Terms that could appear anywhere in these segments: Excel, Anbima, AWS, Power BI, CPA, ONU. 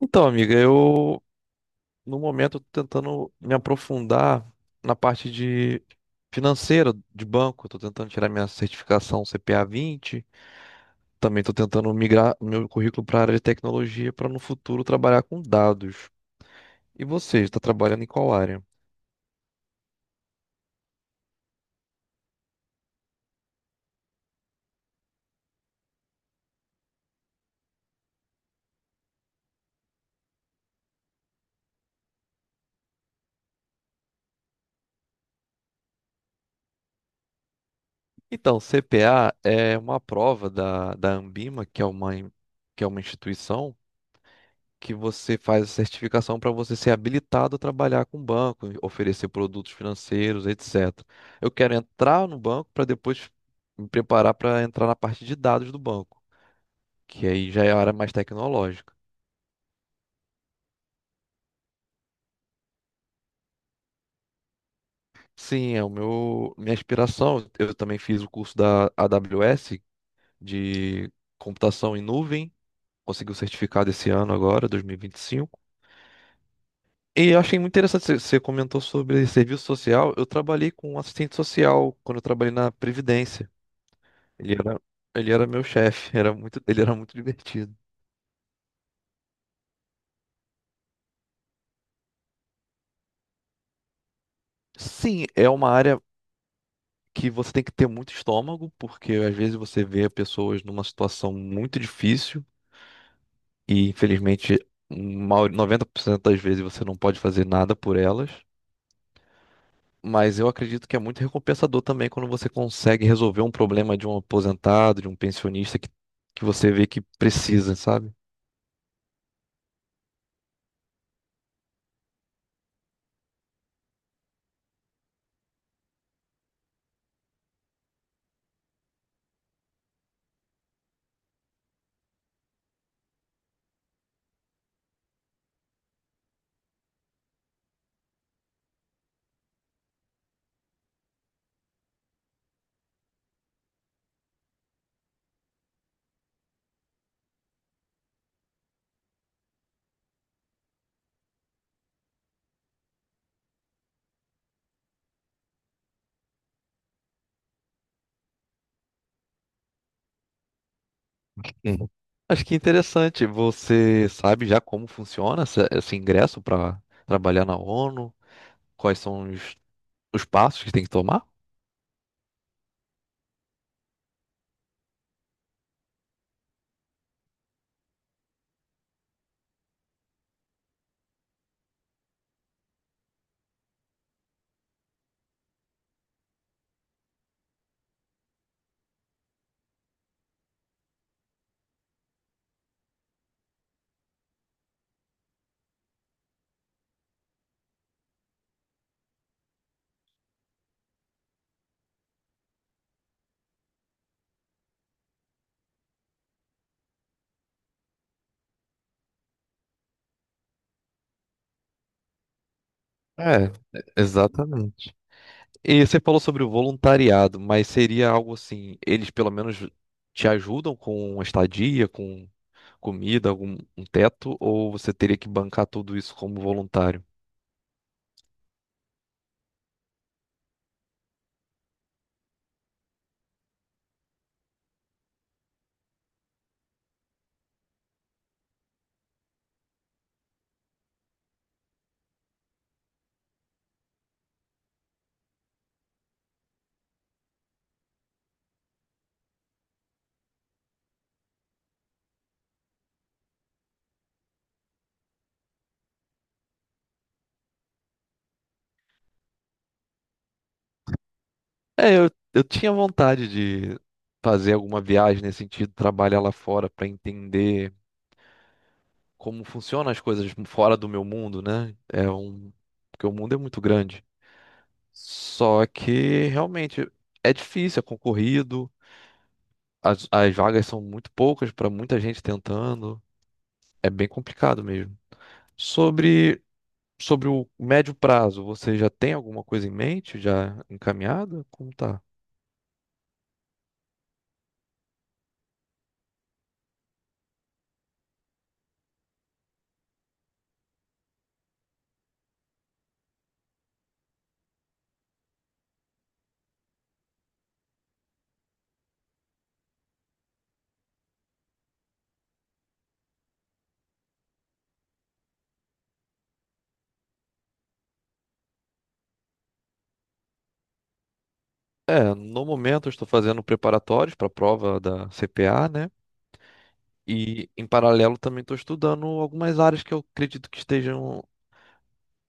Então, amiga, eu no momento tô tentando me aprofundar na parte de financeira de banco, estou tentando tirar minha certificação CPA 20. Também estou tentando migrar meu currículo para a área de tecnologia para no futuro trabalhar com dados. E você, está trabalhando em qual área? Então, CPA é uma prova da Anbima, que é uma instituição que você faz a certificação para você ser habilitado a trabalhar com banco, oferecer produtos financeiros, etc. Eu quero entrar no banco para depois me preparar para entrar na parte de dados do banco, que aí já é a área mais tecnológica. Sim, é o meu minha aspiração. Eu também fiz o curso da AWS de computação em nuvem, consegui o certificado esse ano agora, 2025. E 25. E eu achei muito interessante, você comentou sobre serviço social. Eu trabalhei com assistente social quando eu trabalhei na Previdência. Ele era, ele era meu chefe, ele era muito divertido. Sim, é uma área que você tem que ter muito estômago, porque às vezes você vê pessoas numa situação muito difícil e infelizmente 90% das vezes você não pode fazer nada por elas. Mas eu acredito que é muito recompensador também quando você consegue resolver um problema de um aposentado, de um pensionista que você vê que precisa, sabe? Uhum. Acho que é interessante. Você sabe já como funciona esse ingresso para trabalhar na ONU? Quais são os passos que tem que tomar? É, exatamente. E você falou sobre o voluntariado, mas seria algo assim, eles pelo menos te ajudam com estadia, com comida, algum um teto, ou você teria que bancar tudo isso como voluntário? É, eu tinha vontade de fazer alguma viagem nesse sentido, trabalhar lá fora para entender como funcionam as coisas fora do meu mundo, né? Porque o mundo é muito grande. Só que realmente é difícil, é concorrido. As vagas são muito poucas para muita gente tentando. É bem complicado mesmo. Sobre, sobre o médio prazo, você já tem alguma coisa em mente? Já encaminhada? Como tá? É, no momento eu estou fazendo preparatórios para a prova da CPA, né? E em paralelo também estou estudando algumas áreas que eu acredito que estejam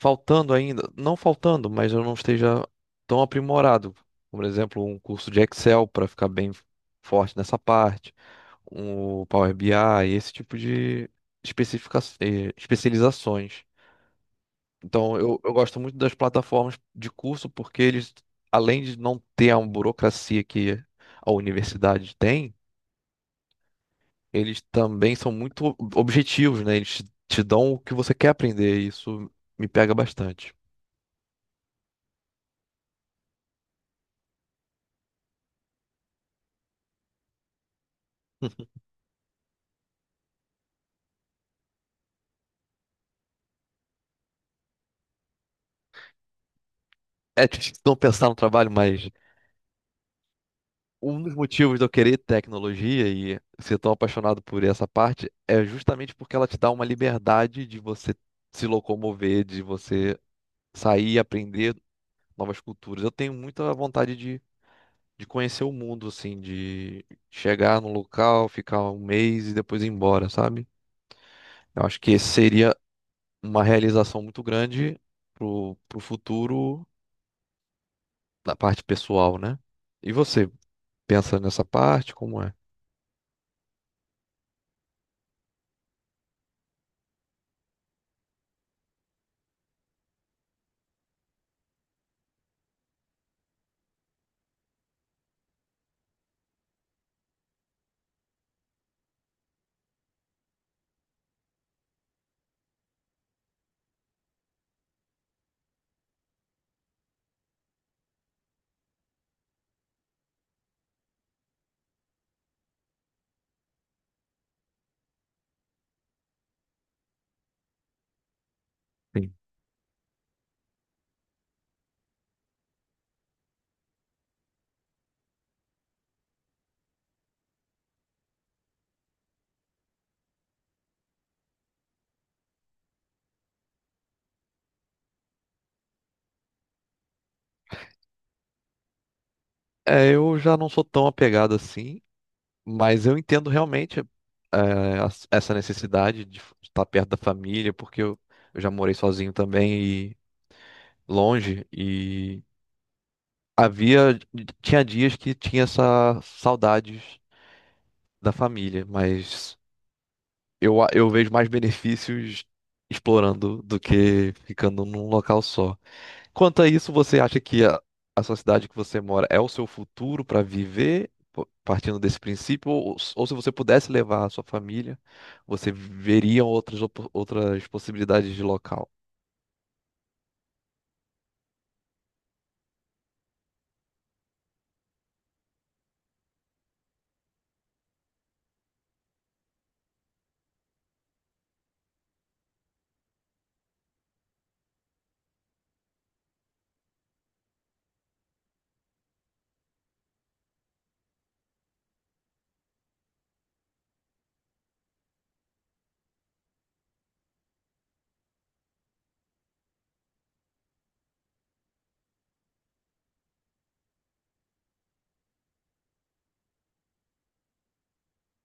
faltando ainda, não faltando, mas eu não esteja tão aprimorado. Por exemplo, um curso de Excel para ficar bem forte nessa parte, um Power BI, esse tipo de especializações. Então, eu gosto muito das plataformas de curso porque eles, além de não ter a burocracia que a universidade tem, eles também são muito objetivos, né? Eles te dão o que você quer aprender, e isso me pega bastante. É difícil não pensar no trabalho, mas um dos motivos de eu querer tecnologia e ser tão apaixonado por essa parte é justamente porque ela te dá uma liberdade de você se locomover, de você sair e aprender novas culturas. Eu tenho muita vontade de conhecer o mundo, assim, de chegar num local, ficar um mês e depois ir embora, sabe? Eu acho que esse seria uma realização muito grande pro futuro da parte pessoal, né? E você pensa nessa parte? Como é? É, eu já não sou tão apegado assim, mas eu entendo realmente é, essa necessidade de estar perto da família, porque eu já morei sozinho também e longe, e havia, tinha dias que tinha essa saudades da família, mas eu vejo mais benefícios explorando do que ficando num local só. Quanto a isso, você acha que a sociedade que você mora é o seu futuro para viver, partindo desse princípio? Ou se você pudesse levar a sua família, você veria outras possibilidades de local?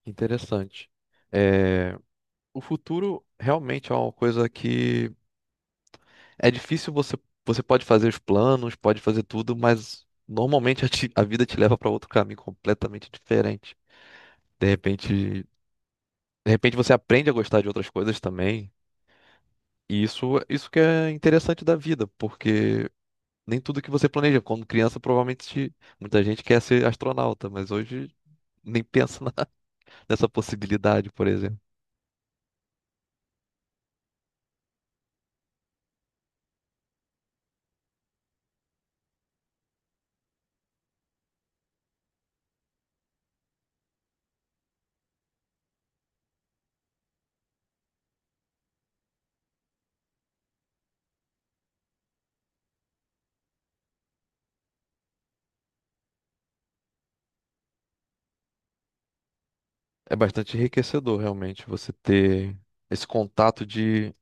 Interessante. É, o futuro realmente é uma coisa que é difícil você. Você pode fazer os planos, pode fazer tudo, mas normalmente a vida te leva para outro caminho completamente diferente. De repente, você aprende a gostar de outras coisas também. E isso que é interessante da vida, porque nem tudo que você planeja. Quando criança, provavelmente muita gente quer ser astronauta, mas hoje nem pensa nessa possibilidade, por exemplo. É bastante enriquecedor, realmente, você ter esse contato de,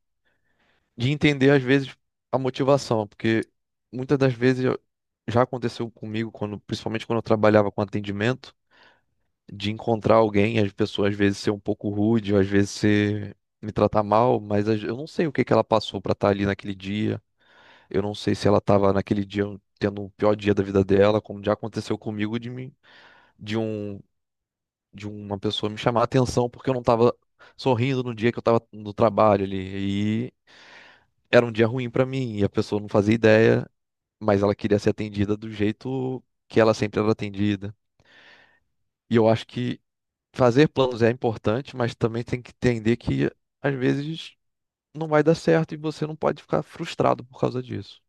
de entender, às vezes, a motivação, porque muitas das vezes já aconteceu comigo, quando, principalmente quando eu trabalhava com atendimento. De encontrar alguém, as pessoas às vezes ser um pouco rude, ou às vezes ser me tratar mal, mas eu não sei o que que ela passou pra estar ali naquele dia. Eu não sei se ela estava naquele dia tendo o pior dia da vida dela, como já aconteceu comigo de mim, de um de uma pessoa me chamar a atenção porque eu não estava sorrindo no dia que eu estava no trabalho ali. E era um dia ruim pra mim e a pessoa não fazia ideia, mas ela queria ser atendida do jeito que ela sempre era atendida. E eu acho que fazer planos é importante, mas também tem que entender que às vezes não vai dar certo e você não pode ficar frustrado por causa disso.